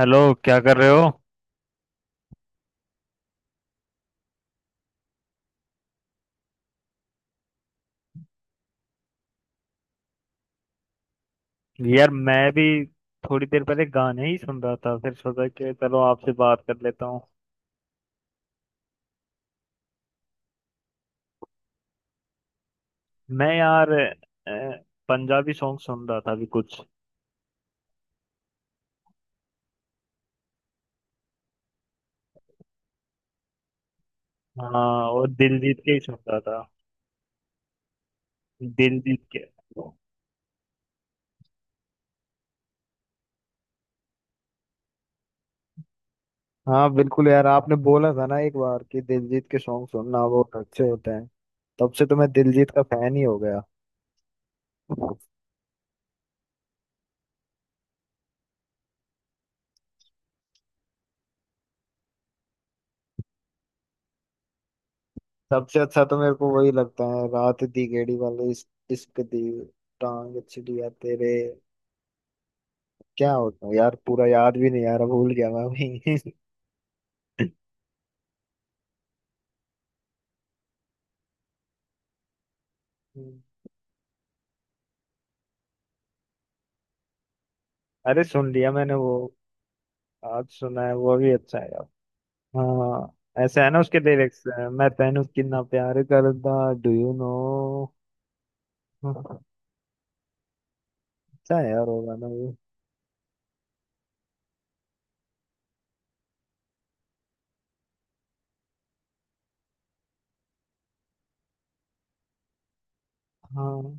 Hello, क्या कर रहे हो। यार मैं भी थोड़ी देर पहले गाने ही सुन रहा था, फिर सोचा कि चलो आपसे बात कर लेता हूँ। मैं यार पंजाबी सॉन्ग सुन रहा था अभी कुछ। हाँ, और दिलजीत के ही सुन रहा था। दिलजीत के। हाँ बिल्कुल यार, आपने बोला था ना एक बार कि दिलजीत के सॉन्ग सुनना बहुत अच्छे होते हैं। तब से तो मैं दिलजीत का फैन ही हो गया। सबसे अच्छा तो मेरे को वही लगता है, रात दी गेड़ी वाले। इश्क दी टांग छिड़िया तेरे, क्या होता है यार, पूरा याद भी नहीं यार, भूल गया मैं अभी। अरे सुन लिया मैंने वो, आज सुना है। वो भी अच्छा है यार। हाँ ऐसे है ना उसके लिरिक्स, मैं तेनू कितना प्यार करदा, डू यू नो। अच्छा है यार वो गाना भी। हाँ,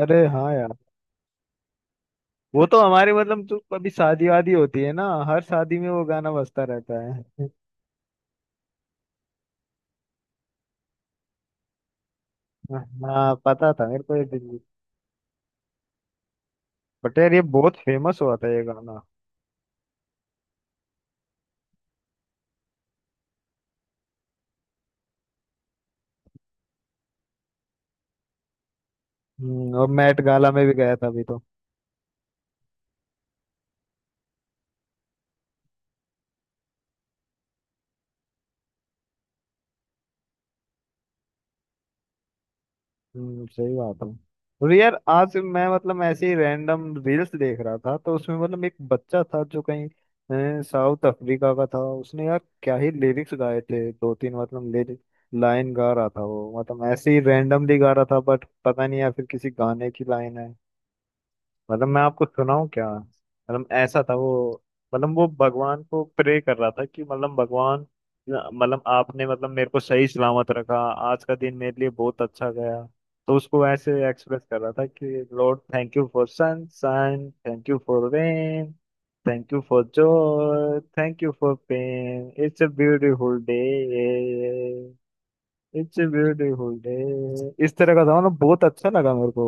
अरे हाँ यार, वो तो हमारे मतलब जो कभी शादी वादी होती है ना, हर शादी में वो गाना बजता रहता है। हाँ, पता था मेरे को ये। बट यार ये बहुत फेमस हुआ था ये गाना। और मैट गाला में भी गया था अभी तो। सही बात है। और यार आज मैं मतलब ऐसे ही रैंडम रील्स देख रहा था, तो उसमें मतलब एक बच्चा था जो कहीं साउथ अफ्रीका का था। उसने यार क्या ही लिरिक्स गाए थे, दो तीन मतलब लिरिक लाइन गा रहा था वो, मतलब ऐसे ही रैंडमली गा रहा था, बट पता नहीं या फिर किसी गाने की लाइन है। मतलब मैं आपको सुनाऊं क्या, मतलब ऐसा था वो। मतलब वो भगवान को प्रे कर रहा था कि मतलब भगवान, मतलब आपने मतलब मेरे को सही सलामत रखा, आज का दिन मेरे लिए बहुत अच्छा गया। तो उसको ऐसे एक्सप्रेस कर रहा था कि Lord thank you for sunshine, thank you for rain, thank you for Joy, thank you for pen, it's a beautiful day, it's a beautiful day. इस तरह का था, मतलब बहुत अच्छा लगा मेरे को।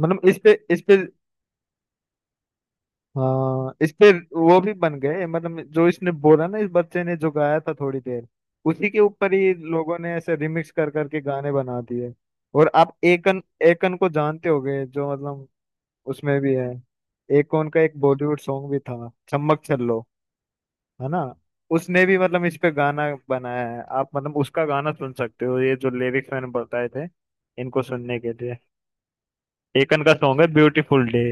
मतलब इस पे। हाँ इस पे वो भी बन गए, मतलब जो इसने बोला ना, इस बच्चे ने जो गाया था थोड़ी देर, उसी के ऊपर ही लोगों ने ऐसे रिमिक्स कर करके गाने बना दिए। और आप एकन एकन को जानते होगे जो मतलब उसमें भी है। एकन का एक बॉलीवुड सॉन्ग भी था चम्मक छल्लो, है ना। उसने भी मतलब इस पे गाना बनाया है, आप मतलब उसका गाना सुन सकते हो ये जो लिरिक्स मैंने बताए थे, इनको सुनने के लिए। एकन का सॉन्ग है ब्यूटीफुल डे,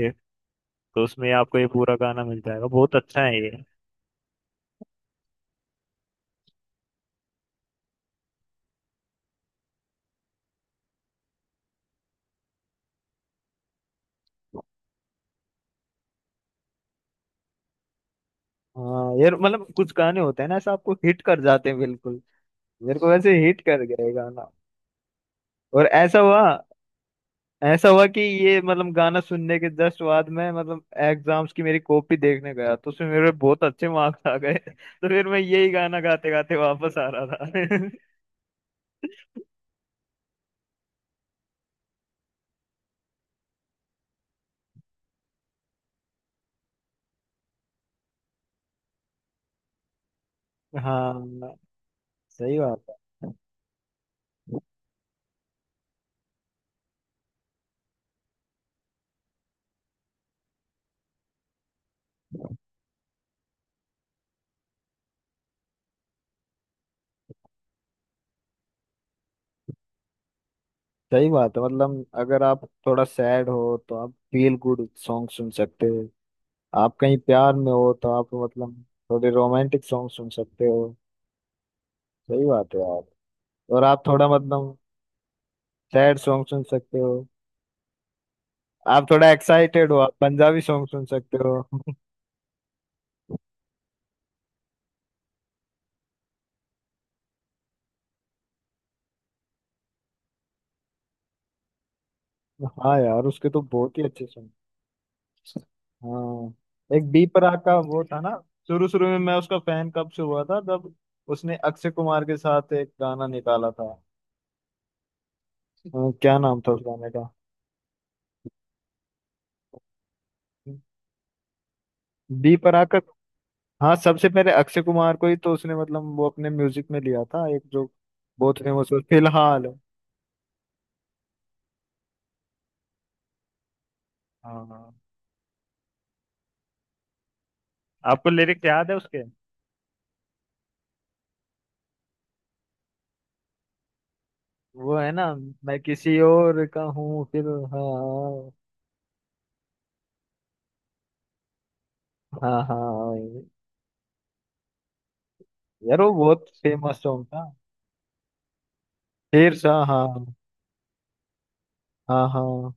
तो उसमें आपको ये पूरा गाना मिल जाएगा। बहुत अच्छा है ये। हाँ यार मतलब कुछ गाने होते हैं ना ऐसा, आपको हिट कर जाते हैं बिल्कुल। मेरे को वैसे हिट कर गया ये गाना। और ऐसा हुआ, ऐसा हुआ कि ये मतलब गाना सुनने के जस्ट बाद में, मतलब एग्जाम्स की मेरी कॉपी देखने गया, तो उसमें मेरे बहुत अच्छे मार्क्स आ गए। तो फिर मैं यही गाना गाते गाते वापस आ रहा था। हाँ, सही बात। है सही बात है मतलब, अगर आप थोड़ा सैड हो तो आप फील गुड सॉन्ग सुन सकते हो। आप कहीं प्यार में हो तो आप मतलब थोड़े रोमांटिक सॉन्ग सुन सकते हो। सही बात है यार। और आप थोड़ा मतलब सैड सॉन्ग सुन सकते हो। आप थोड़ा एक्साइटेड हो, आप पंजाबी सॉन्ग सुन सकते हो। हाँ यार उसके तो बहुत ही अच्छे सॉन्ग। हाँ एक बी प्राक का वो था ना, शुरू शुरू में मैं उसका फैन कब से हुआ था, जब उसने अक्षय कुमार के साथ एक गाना निकाला था। क्या नाम था उस गाने का, बी प्राक का। हाँ सबसे पहले अक्षय कुमार को ही तो उसने मतलब वो अपने म्यूजिक में लिया था, एक जो बहुत फेमस हुआ फिलहाल। हाँ हाँ। आपको लिरिक्स याद है उसके, वो है ना, मैं किसी और का हूँ फिलहाल। हाँ हाँ वही। यार वो बहुत फेमस सॉन्ग था, शेर शाह। हाँ हाँ हाँ,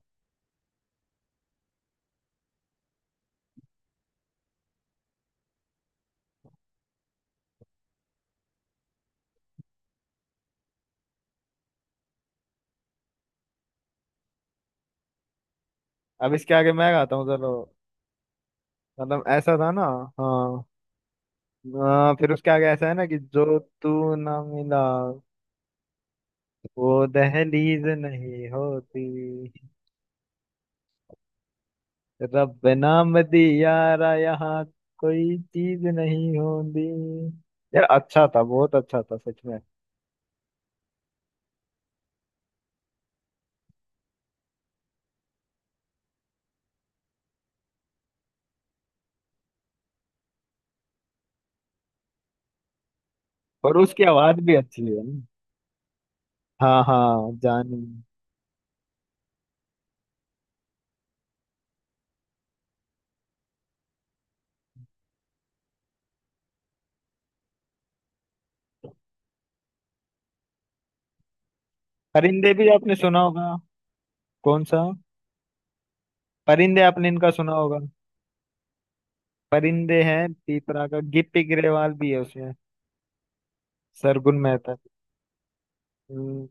अब इसके आगे मैं गाता हूँ चलो। मतलब ऐसा था ना, हाँ, हाँ फिर उसके आगे ऐसा है ना कि जो तू ना मिला, वो दहलीज नहीं होती, रब नाम दिया रा यहाँ, कोई चीज नहीं होती। यार अच्छा था, बहुत अच्छा था सच में। और उसकी आवाज भी अच्छी है ना। हाँ हाँ जानी। परिंदे भी आपने सुना होगा। कौन सा, परिंदे आपने इनका सुना होगा। परिंदे हैं, तीतरा का गिप्पी गिरेवाल भी है उसमें, सरगुन मेहता। हम्म,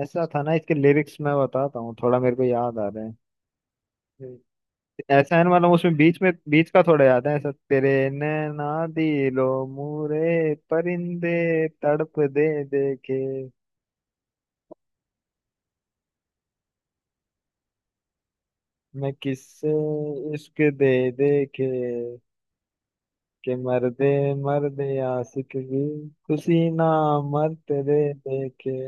ऐसा था ना इसके लिरिक्स, मैं बताता हूँ थोड़ा, मेरे को याद आ रहे हैं। हम्म। ऐसा है ना मतलब उसमें बीच में, बीच का थोड़ा याद है, ऐसा तेरे नैना दिलो मूरे परिंदे तड़प दे देखे, मैं किससे इश्क दे देखे, के मर्दे, मर्दे आशिक भी खुशी ना मर तेरे देखे।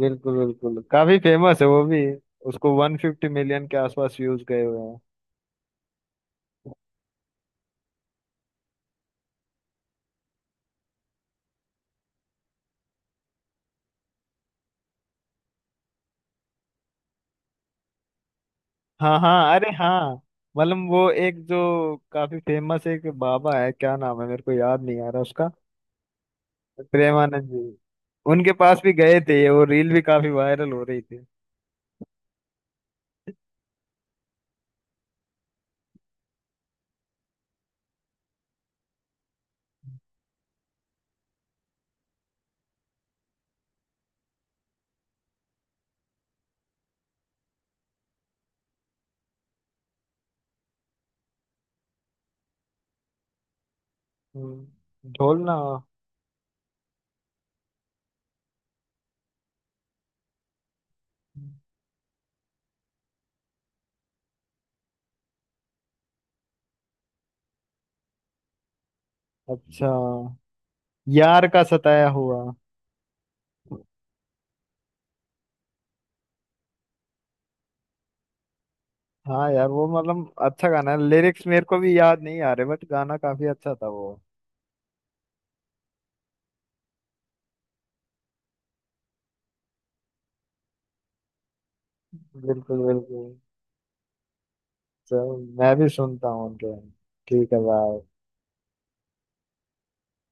बिल्कुल बिल्कुल, काफी फेमस है वो भी, उसको 150 मिलियन के आसपास व्यूज गए हुए हैं। हाँ हाँ, अरे हाँ, मतलब वो एक जो काफी फेमस एक बाबा है, क्या नाम है मेरे को याद नहीं आ रहा उसका। प्रेमानंद जी, उनके पास भी गए थे ये, वो रील भी काफी वायरल हो रही थी। ढोलना, अच्छा, यार का सताया हुआ। हाँ यार वो मतलब अच्छा गाना है, लिरिक्स मेरे को भी याद नहीं आ रहे, बट गाना काफी अच्छा था वो। बिल्कुल बिल्कुल। चल मैं भी सुनता हूँ उनके। ठीक है, बाय।